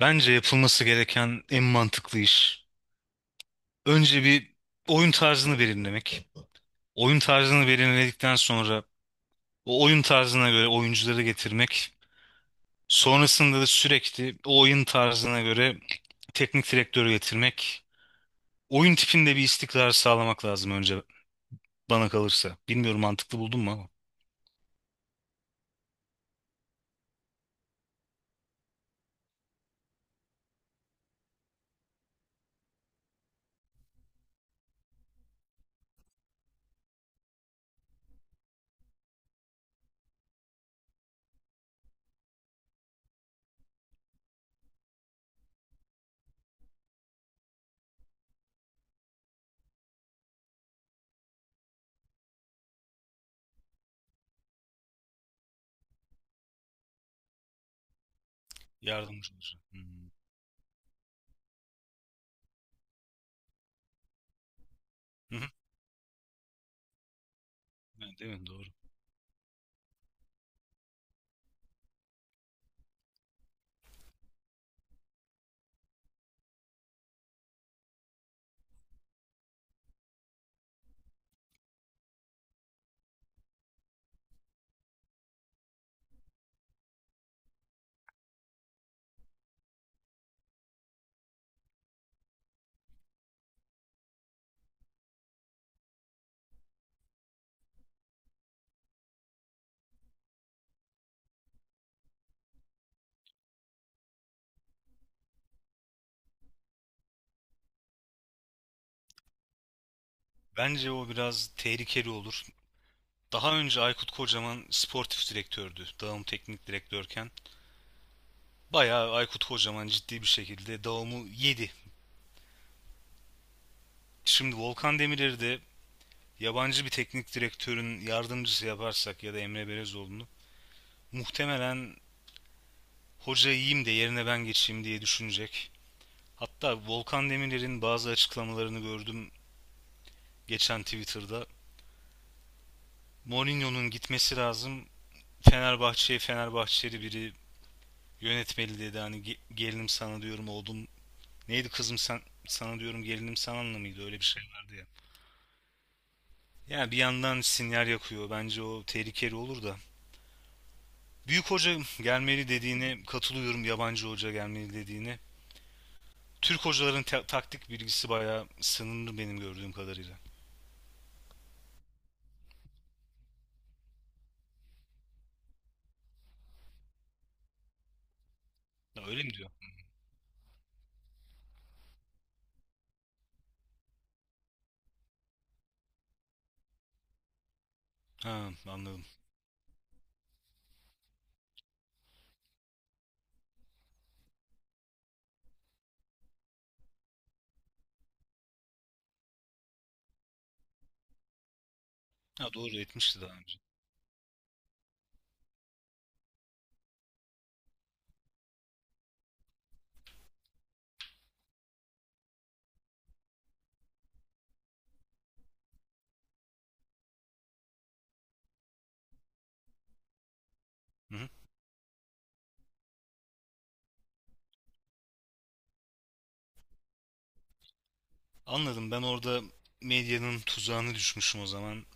Bence yapılması gereken en mantıklı iş. Önce bir oyun tarzını belirlemek. Oyun tarzını belirledikten sonra o oyun tarzına göre oyuncuları getirmek. Sonrasında da sürekli o oyun tarzına göre teknik direktörü getirmek. Oyun tipinde bir istikrar sağlamak lazım önce bana kalırsa. Bilmiyorum mantıklı buldun mu ama. Yardımcı olur. Hmm. Hı hı. Evet, değil. Doğru. Bence o biraz tehlikeli olur. Daha önce Aykut Kocaman sportif direktördü. Dağım teknik direktörken. Bayağı Aykut Kocaman ciddi bir şekilde Davam'ı yedi. Şimdi Volkan Demirer'i de yabancı bir teknik direktörün yardımcısı yaparsak ya da Emre Belezoğlu'nu muhtemelen hoca yiyeyim de yerine ben geçeyim diye düşünecek. Hatta Volkan Demirer'in bazı açıklamalarını gördüm geçen Twitter'da. Mourinho'nun gitmesi lazım. Fenerbahçe'ye Fenerbahçeli biri yönetmeli dedi. Hani gelinim sana diyorum oğlum. Neydi kızım sen sana diyorum gelinim sana mıydı? Öyle bir şey vardı ya. Ya bir yandan sinyal yakıyor. Bence o tehlikeli olur da. Büyük hoca gelmeli dediğine katılıyorum. Yabancı hoca gelmeli dediğine. Türk hocaların taktik bilgisi bayağı sınırlı benim gördüğüm kadarıyla. Ya öyle mi diyor? Ha, anladım. Ha, doğru etmişti daha önce. Hı hı. Anladım. Ben orada medyanın tuzağına düşmüşüm o zaman.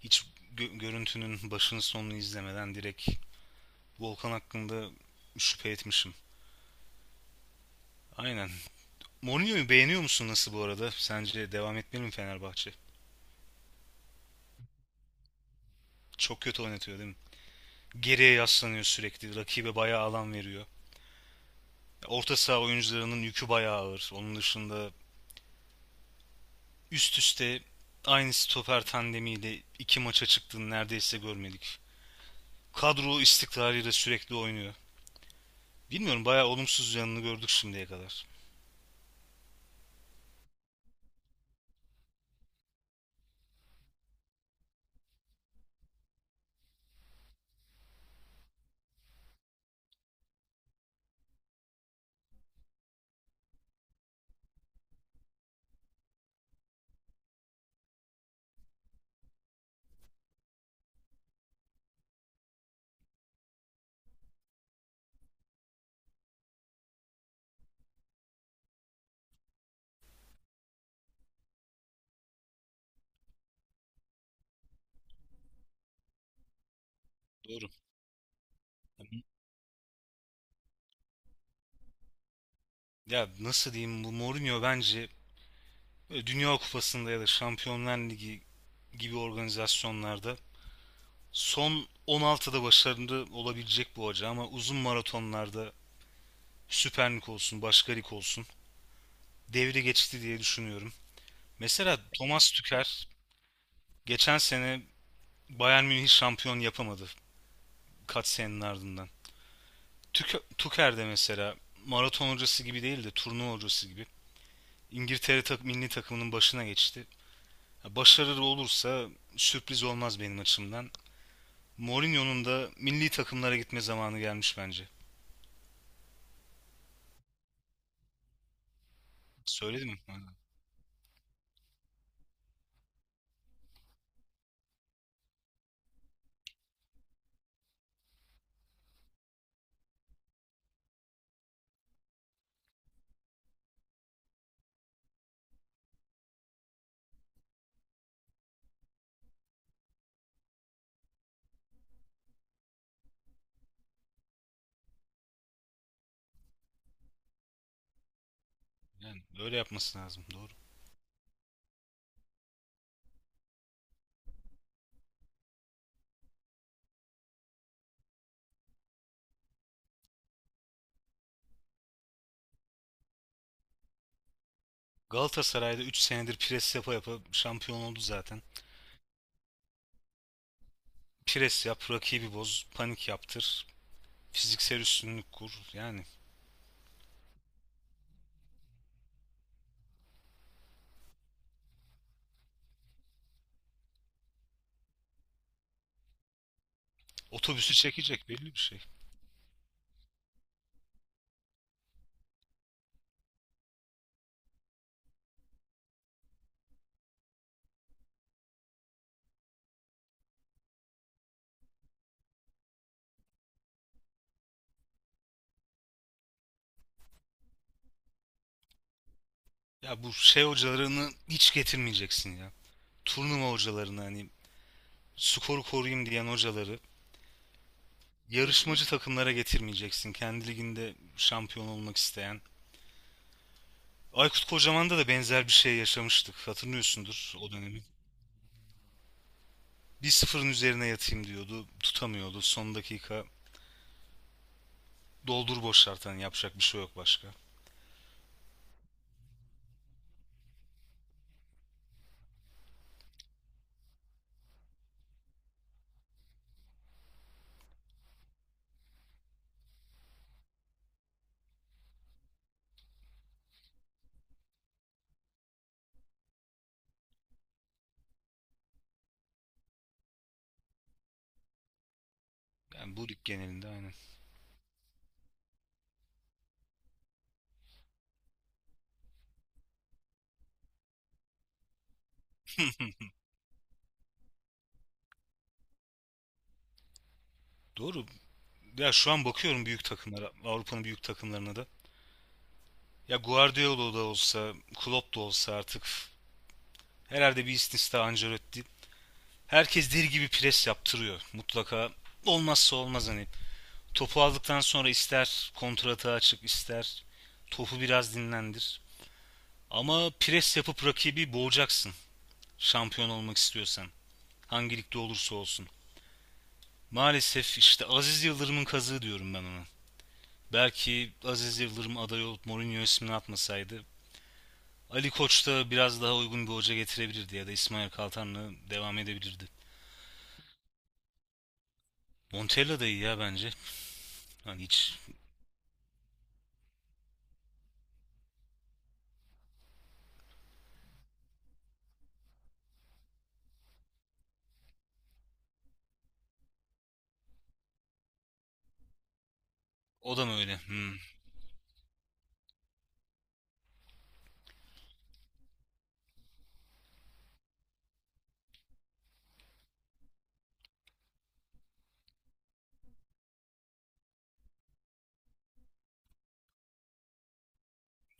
Hiç görüntünün başını sonunu izlemeden direkt Volkan hakkında şüphe etmişim. Aynen. Mourinho'yu beğeniyor musun nasıl bu arada? Sence devam etmeli mi Fenerbahçe? Çok kötü oynatıyor değil mi? Geriye yaslanıyor sürekli. Rakibe bayağı alan veriyor. Orta saha oyuncularının yükü bayağı ağır. Onun dışında üst üste aynı stoper tandemiyle iki maça çıktığını neredeyse görmedik. Kadro istikrarıyla sürekli oynuyor. Bilmiyorum, bayağı olumsuz yanını gördük şimdiye kadar. Doğru. Ya nasıl diyeyim, bu Mourinho bence Dünya Kupası'nda ya da Şampiyonlar Ligi gibi organizasyonlarda son 16'da başarılı olabilecek bu hoca, ama uzun maratonlarda Süper Lig olsun, başka lig olsun. Devri geçti diye düşünüyorum. Mesela Thomas Tuchel geçen sene Bayern Münih şampiyon yapamadı kaç senenin ardından. Tuchel de mesela maraton hocası gibi değil de turnuva hocası gibi İngiltere milli takımının başına geçti. Ya başarılı olursa sürpriz olmaz benim açımdan. Mourinho'nun da milli takımlara gitme zamanı gelmiş bence. Söyledim mi? Yani öyle yapması lazım. Doğru. Galatasaray'da 3 senedir pres yapa yapa şampiyon oldu zaten. Pres yap, rakibi boz, panik yaptır, fiziksel üstünlük kur. Yani otobüsü çekecek belli bir şey. Ya bu şey hocalarını hiç getirmeyeceksin ya. Turnuva hocalarını, hani skoru koruyayım diyen hocaları yarışmacı takımlara getirmeyeceksin. Kendi liginde şampiyon olmak isteyen. Aykut Kocaman'da da benzer bir şey yaşamıştık. Hatırlıyorsundur o dönemi. Bir sıfırın üzerine yatayım diyordu. Tutamıyordu. Son dakika doldur boşalt, hani yapacak bir şey yok başka. Yani bu lig genelinde aynen. Doğru. Ya şu an bakıyorum büyük takımlara, Avrupa'nın büyük takımlarına da. Ya Guardiola da olsa, Klopp da olsa artık, herhalde bir istisna Ancelotti. Herkes deli gibi pres yaptırıyor mutlaka. Olmazsa olmaz hani. Topu aldıktan sonra ister kontratağa çık, ister topu biraz dinlendir. Ama pres yapıp rakibi boğacaksın şampiyon olmak istiyorsan. Hangi ligde olursa olsun. Maalesef işte Aziz Yıldırım'ın kazığı diyorum ben ona. Belki Aziz Yıldırım aday olup Mourinho ismini atmasaydı, Ali Koç da biraz daha uygun bir hoca getirebilirdi ya da İsmail Kaltan'la devam edebilirdi. Montella da iyi ya bence. Hani hiç o da mı öyle? Hmm.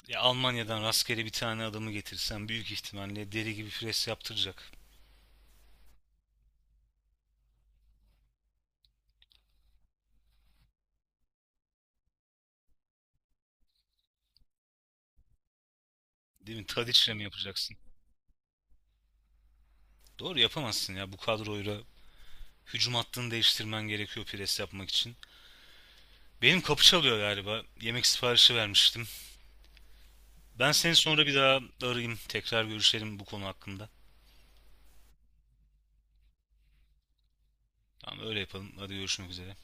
Ya Almanya'dan rastgele bir tane adamı getirsen büyük ihtimalle deli gibi pres yaptıracak. Değil mi? Tadiç'le mi yapacaksın? Doğru, yapamazsın ya bu kadroyla. Hücum hattını değiştirmen gerekiyor pres yapmak için. Benim kapı çalıyor galiba. Yemek siparişi vermiştim. Ben seni sonra bir daha arayayım. Tekrar görüşelim bu konu hakkında. Tamam, öyle yapalım. Hadi, görüşmek üzere.